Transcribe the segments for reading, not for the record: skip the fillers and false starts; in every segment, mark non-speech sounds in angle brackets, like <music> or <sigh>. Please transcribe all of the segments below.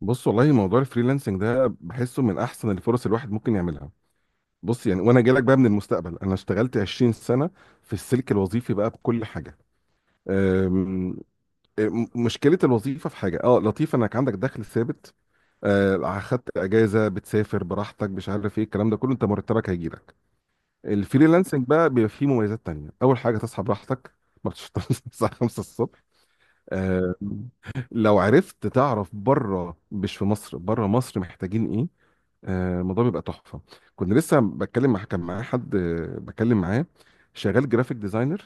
بص، والله موضوع الفريلانسنج ده بحسه من احسن الفرص الواحد ممكن يعملها. بص يعني، وانا جايلك بقى من المستقبل، انا اشتغلت 20 سنه في السلك الوظيفي بقى بكل حاجه. أم، أم، مشكله الوظيفه في حاجه لطيف انك عندك دخل ثابت، اخدت اجازه، بتسافر براحتك، مش عارف ايه الكلام ده كله، انت مرتبك هيجيلك. الفريلانسنج بقى بيبقى فيه مميزات تانية، اول حاجه تصحى براحتك، ما بتشتغلش <laughs> الساعه 5 الصبح. آم، لو عرفت تعرف بره، مش في مصر، بره مصر محتاجين إيه؟ الموضوع بيبقى تحفه. كنت لسه بتكلم مع كان معايا حد، بتكلم معاه، شغال جرافيك ديزاينر.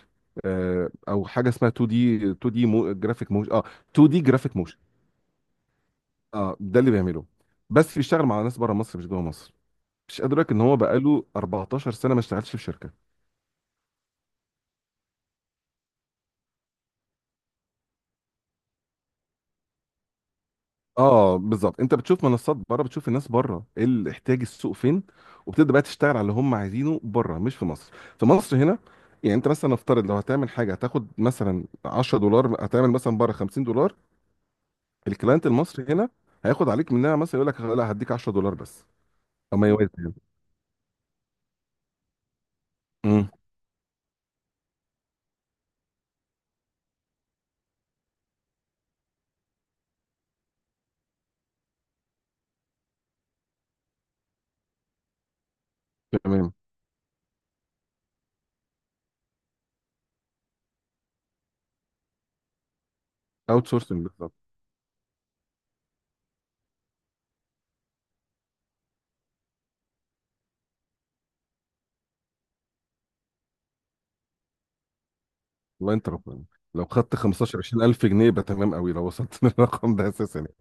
او حاجه اسمها 2D 2D مو جرافيك موشن 2D جرافيك موشن. اه، ده اللي بيعمله، بس بيشتغل مع ناس بره مصر مش جوه مصر. مش قادر أقولك ان هو بقاله 14 سنه ما اشتغلش في شركه. اه بالظبط، انت بتشوف منصات بره، بتشوف الناس بره ايه اللي احتياج السوق فين، وبتبدا بقى تشتغل على اللي هم عايزينه بره مش في مصر. في مصر هنا، يعني انت مثلا نفترض لو هتعمل حاجه هتاخد مثلا 10 دولار، هتعمل مثلا بره 50 دولار. الكلاينت المصري هنا هياخد عليك منها، مثلا يقول لك لا هديك 10 دولار بس، او ما يوازي يعني. امم. تمام. اوت سورسنج بالظبط. الله، انت ربنا! لو خدت 15 20000 جنيه يبقى تمام قوي، لو وصلت <laughs> للرقم ده اساسا يعني.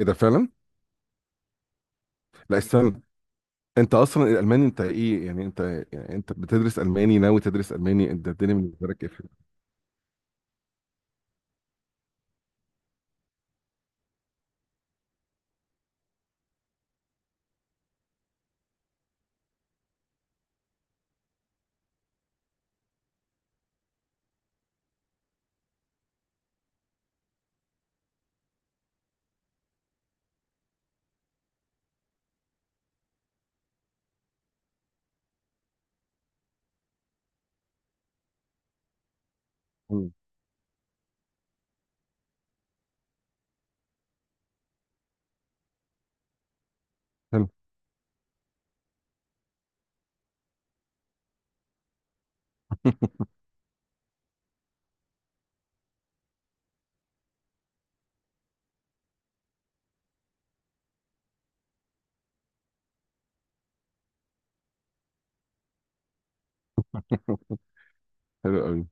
ايه ده فعلا! لا استنى، انت اصلا الالماني، انت ايه يعني؟ انت، يعني انت بتدرس الماني، ناوي تدرس الماني؟ انت الدنيا بالنسبه لك ايه مم. حلو. <laughs> حلو قوي. ان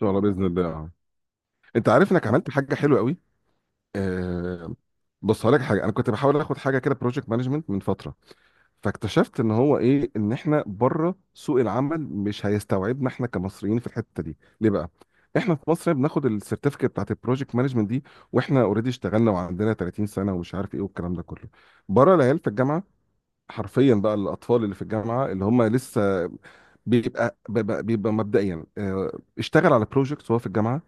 شاء الله، باذن الله اه. انت عارف انك عملت حاجه حلوه قوي. آه. بص هقول لك حاجه، انا كنت بحاول اخد حاجه كده بروجكت مانجمنت من فتره، فاكتشفت ان هو ايه، ان احنا بره سوق العمل مش هيستوعبنا احنا كمصريين في الحته دي. ليه بقى؟ احنا في مصر بناخد السيرتيفيكت بتاعت البروجكت مانجمنت دي واحنا اوريدي اشتغلنا وعندنا 30 سنه ومش عارف ايه والكلام ده كله. بره، العيال في الجامعه، حرفيا بقى الاطفال اللي في الجامعه اللي هم لسه بيبقى مبدئيا، اشتغل على بروجكت وهو في الجامعه،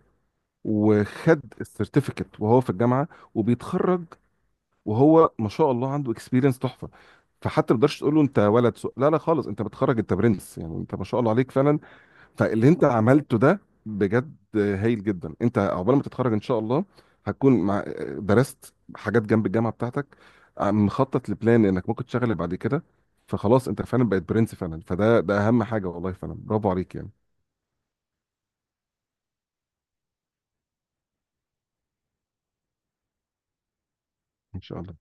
وخد السيرتيفيكت وهو في الجامعه وبيتخرج وهو ما شاء الله عنده اكسبيرينس تحفه. فحتى ما تقدرش تقول له انت ولد سوء، لا لا خالص، انت بتخرج انت برنس، يعني انت ما شاء الله عليك فعلا. فاللي انت عملته ده بجد هايل جدا، انت عقبال ما تتخرج ان شاء الله هتكون مع درست حاجات جنب الجامعه بتاعتك، مخطط لبلان انك ممكن تشتغل بعد كده، فخلاص انت فعلا بقيت برنس فعلا، فده اهم حاجه والله فعلا، برافو عليك يعني. ان شاء الله.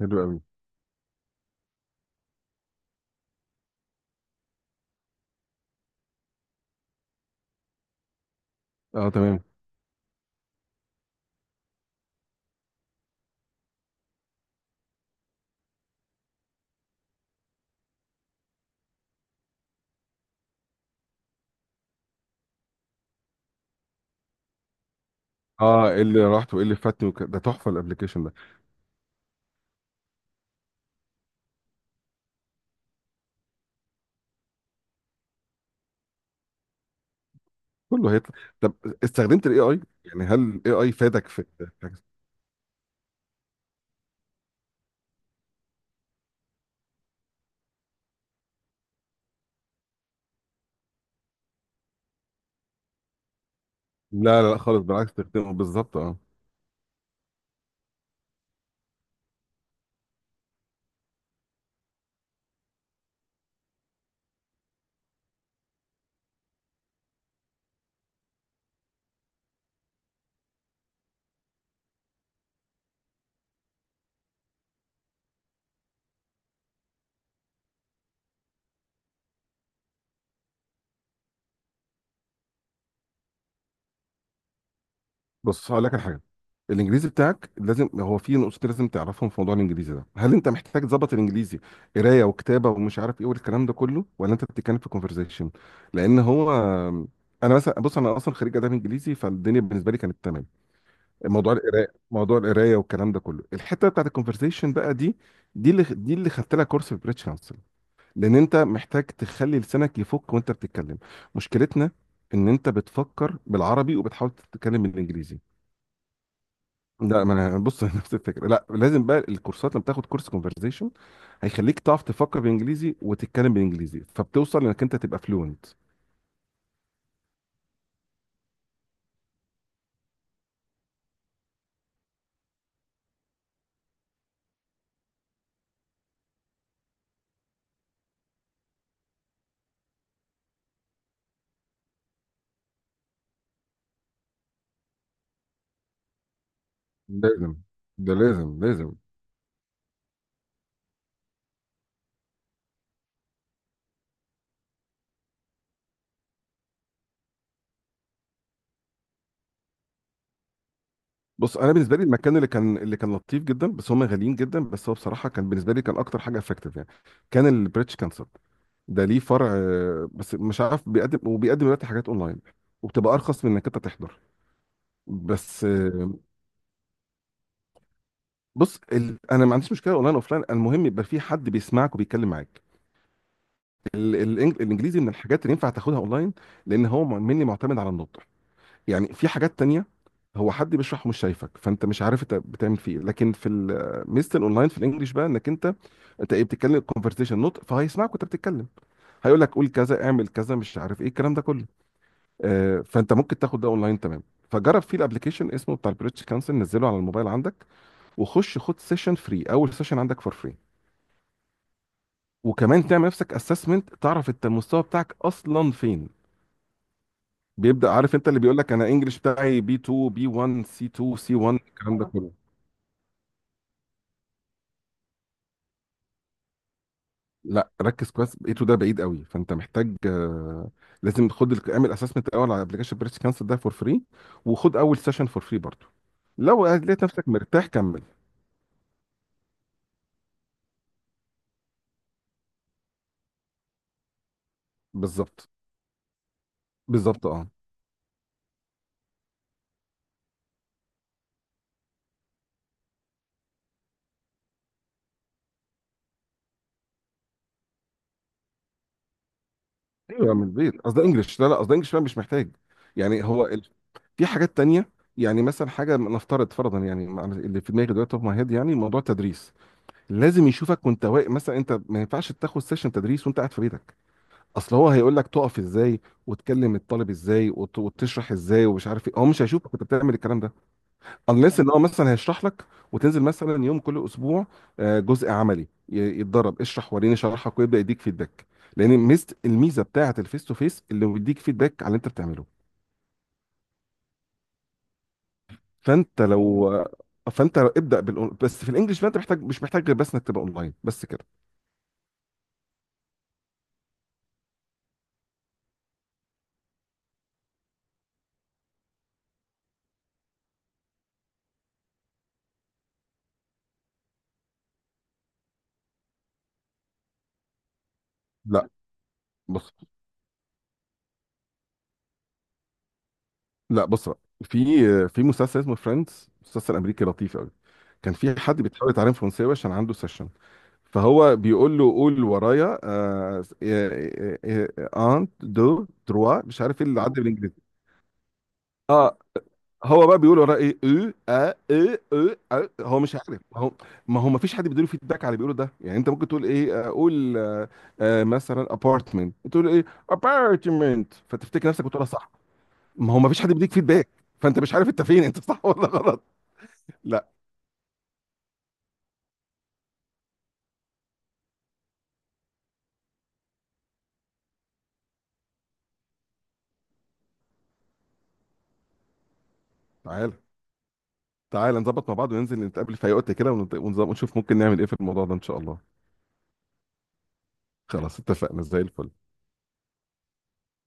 حلو قوي. اه تمام. اه، ايه اللي راحت وايه اللي فاتني ده تحفه الابلكيشن ده. كله هيطلع. طب، استخدمت الاي اي يعني، هل الاي اي فادك في؟ لا لا لا خالص، بالعكس استخدمه بالظبط اه. بص هقول لك على حاجه، الانجليزي بتاعك لازم، هو في نقطتين لازم تعرفهم في موضوع الانجليزي ده. هل انت محتاج تظبط الانجليزي قرايه وكتابه ومش عارف ايه والكلام ده كله، ولا انت بتتكلم في كونفرزيشن؟ لان هو انا مثلا، بص، انا اصلا خريج اداب انجليزي فالدنيا بالنسبه لي كانت تمام، موضوع القرايه والكلام ده كله، الحته بتاعت الكونفرزيشن بقى دي، دي اللي خدت لها كورس في بريتش كونسل، لان انت محتاج تخلي لسانك يفك وانت بتتكلم. مشكلتنا ان انت بتفكر بالعربي وبتحاول تتكلم بالانجليزي. لا ما انا بص، <laughs> نفس الفكره، لا لازم بقى الكورسات، لما تاخد كورس كونفرزيشن هيخليك تعرف تفكر بالانجليزي وتتكلم بالانجليزي، فبتوصل انك انت تبقى فلوينت. لازم، ده لازم لازم. بص، انا بالنسبه لي المكان اللي كان لطيف جدا، بس هم غاليين جدا، بس هو بصراحه كان بالنسبه لي كان اكتر حاجه افكتيف يعني، كان البريتش كانسل. ده ليه فرع، بس مش عارف بيقدم دلوقتي حاجات اونلاين وبتبقى ارخص من انك انت تحضر، بس بص انا ما عنديش مشكله اونلاين اوفلاين، المهم يبقى في حد بيسمعك وبيتكلم معاك. الانجليزي من الحاجات اللي ينفع تاخدها اونلاين، لان هو مني معتمد على النطق. يعني في حاجات تانية، هو حد بيشرح ومش شايفك فانت مش عارف انت بتعمل فيه إيه. لكن في ميزه الاونلاين في الانجليش، بقى انك انت انت ايه بتتكلم كونفرسيشن نطق، فهيسمعك وانت بتتكلم، هيقول لك قول كذا اعمل كذا مش عارف ايه الكلام ده كله. فانت ممكن تاخد ده اونلاين، تمام. فجرب فيه، الابلكيشن اسمه بتاع البريتش كانسل، نزله على الموبايل عندك، وخش خد سيشن فري، اول سيشن عندك فور فري. وكمان تعمل نفسك اسسمنت، تعرف انت المستوى بتاعك اصلا فين. بيبدأ عارف، انت اللي بيقول لك انا انجلش بتاعي B2 B1 C2 C1 الكلام ده كله. لا، ركز كويس، A2 ده بعيد قوي، فانت محتاج، لازم خد اعمل اسسمنت الاول على ابلكيشن بريتش كانسر ده فور فري، وخد اول سيشن فور فري برضه، لو لقيت نفسك مرتاح كمل. بالظبط. بالظبط اه. ايوه من البيت، قصدي انجلش، لا لا، قصدي انجلش بقى مش محتاج، يعني هو في حاجات تانية، يعني مثلا حاجة نفترض فرضا يعني اللي في دماغي دلوقتي، اوف ماي هيد، يعني موضوع التدريس لازم يشوفك وانت واقف مثلا، انت ما ينفعش تاخد سيشن تدريس وانت قاعد في بيتك، اصل هو هيقول لك تقف ازاي وتكلم الطالب ازاي وتشرح ازاي ومش عارف ايه، هو مش هيشوفك انت بتعمل الكلام ده unless ان هو مثلا هيشرح لك وتنزل مثلا يوم كل اسبوع، جزء عملي، يتدرب اشرح وريني شرحك ويبدا يديك فيدباك، لان الميزه بتاعه الفيس تو فيس اللي بيديك فيدباك على اللي انت بتعمله. فانت لو فانت ابدا بس في الانجليش بقى انت محتاج، مش محتاج غير بس انك تبقى اونلاين، بس كده. لا بص لا بص بقى، في مسلسل اسمه فريندز، مسلسل امريكي لطيف قوي، كان في حد بيحاول يتعلم فرنساوي عشان عنده سيشن، فهو بيقول له قول ورايا، ان دو تروا، مش عارف ايه اللي عدى بالانجليزي. اه هو بقى بيقول وراه ايه، هو مش عارف، ما هو ما فيش حد بيديله فيدباك على اللي بيقوله ده، يعني انت ممكن تقول ايه، قول آه، مثلا ابارتمنت، تقول ايه ابارتمنت، فتفتكر نفسك بتقولها صح، ما هو ما فيش حد بيديك فيدباك، فانت مش عارف انت فين، انت صح ولا غلط. لا، تعالى، تعالى نظبط مع بعض وننزل نتقابل في اي وقت كده ونشوف ممكن نعمل ايه في الموضوع ده ان شاء الله. خلاص، اتفقنا زي الفل.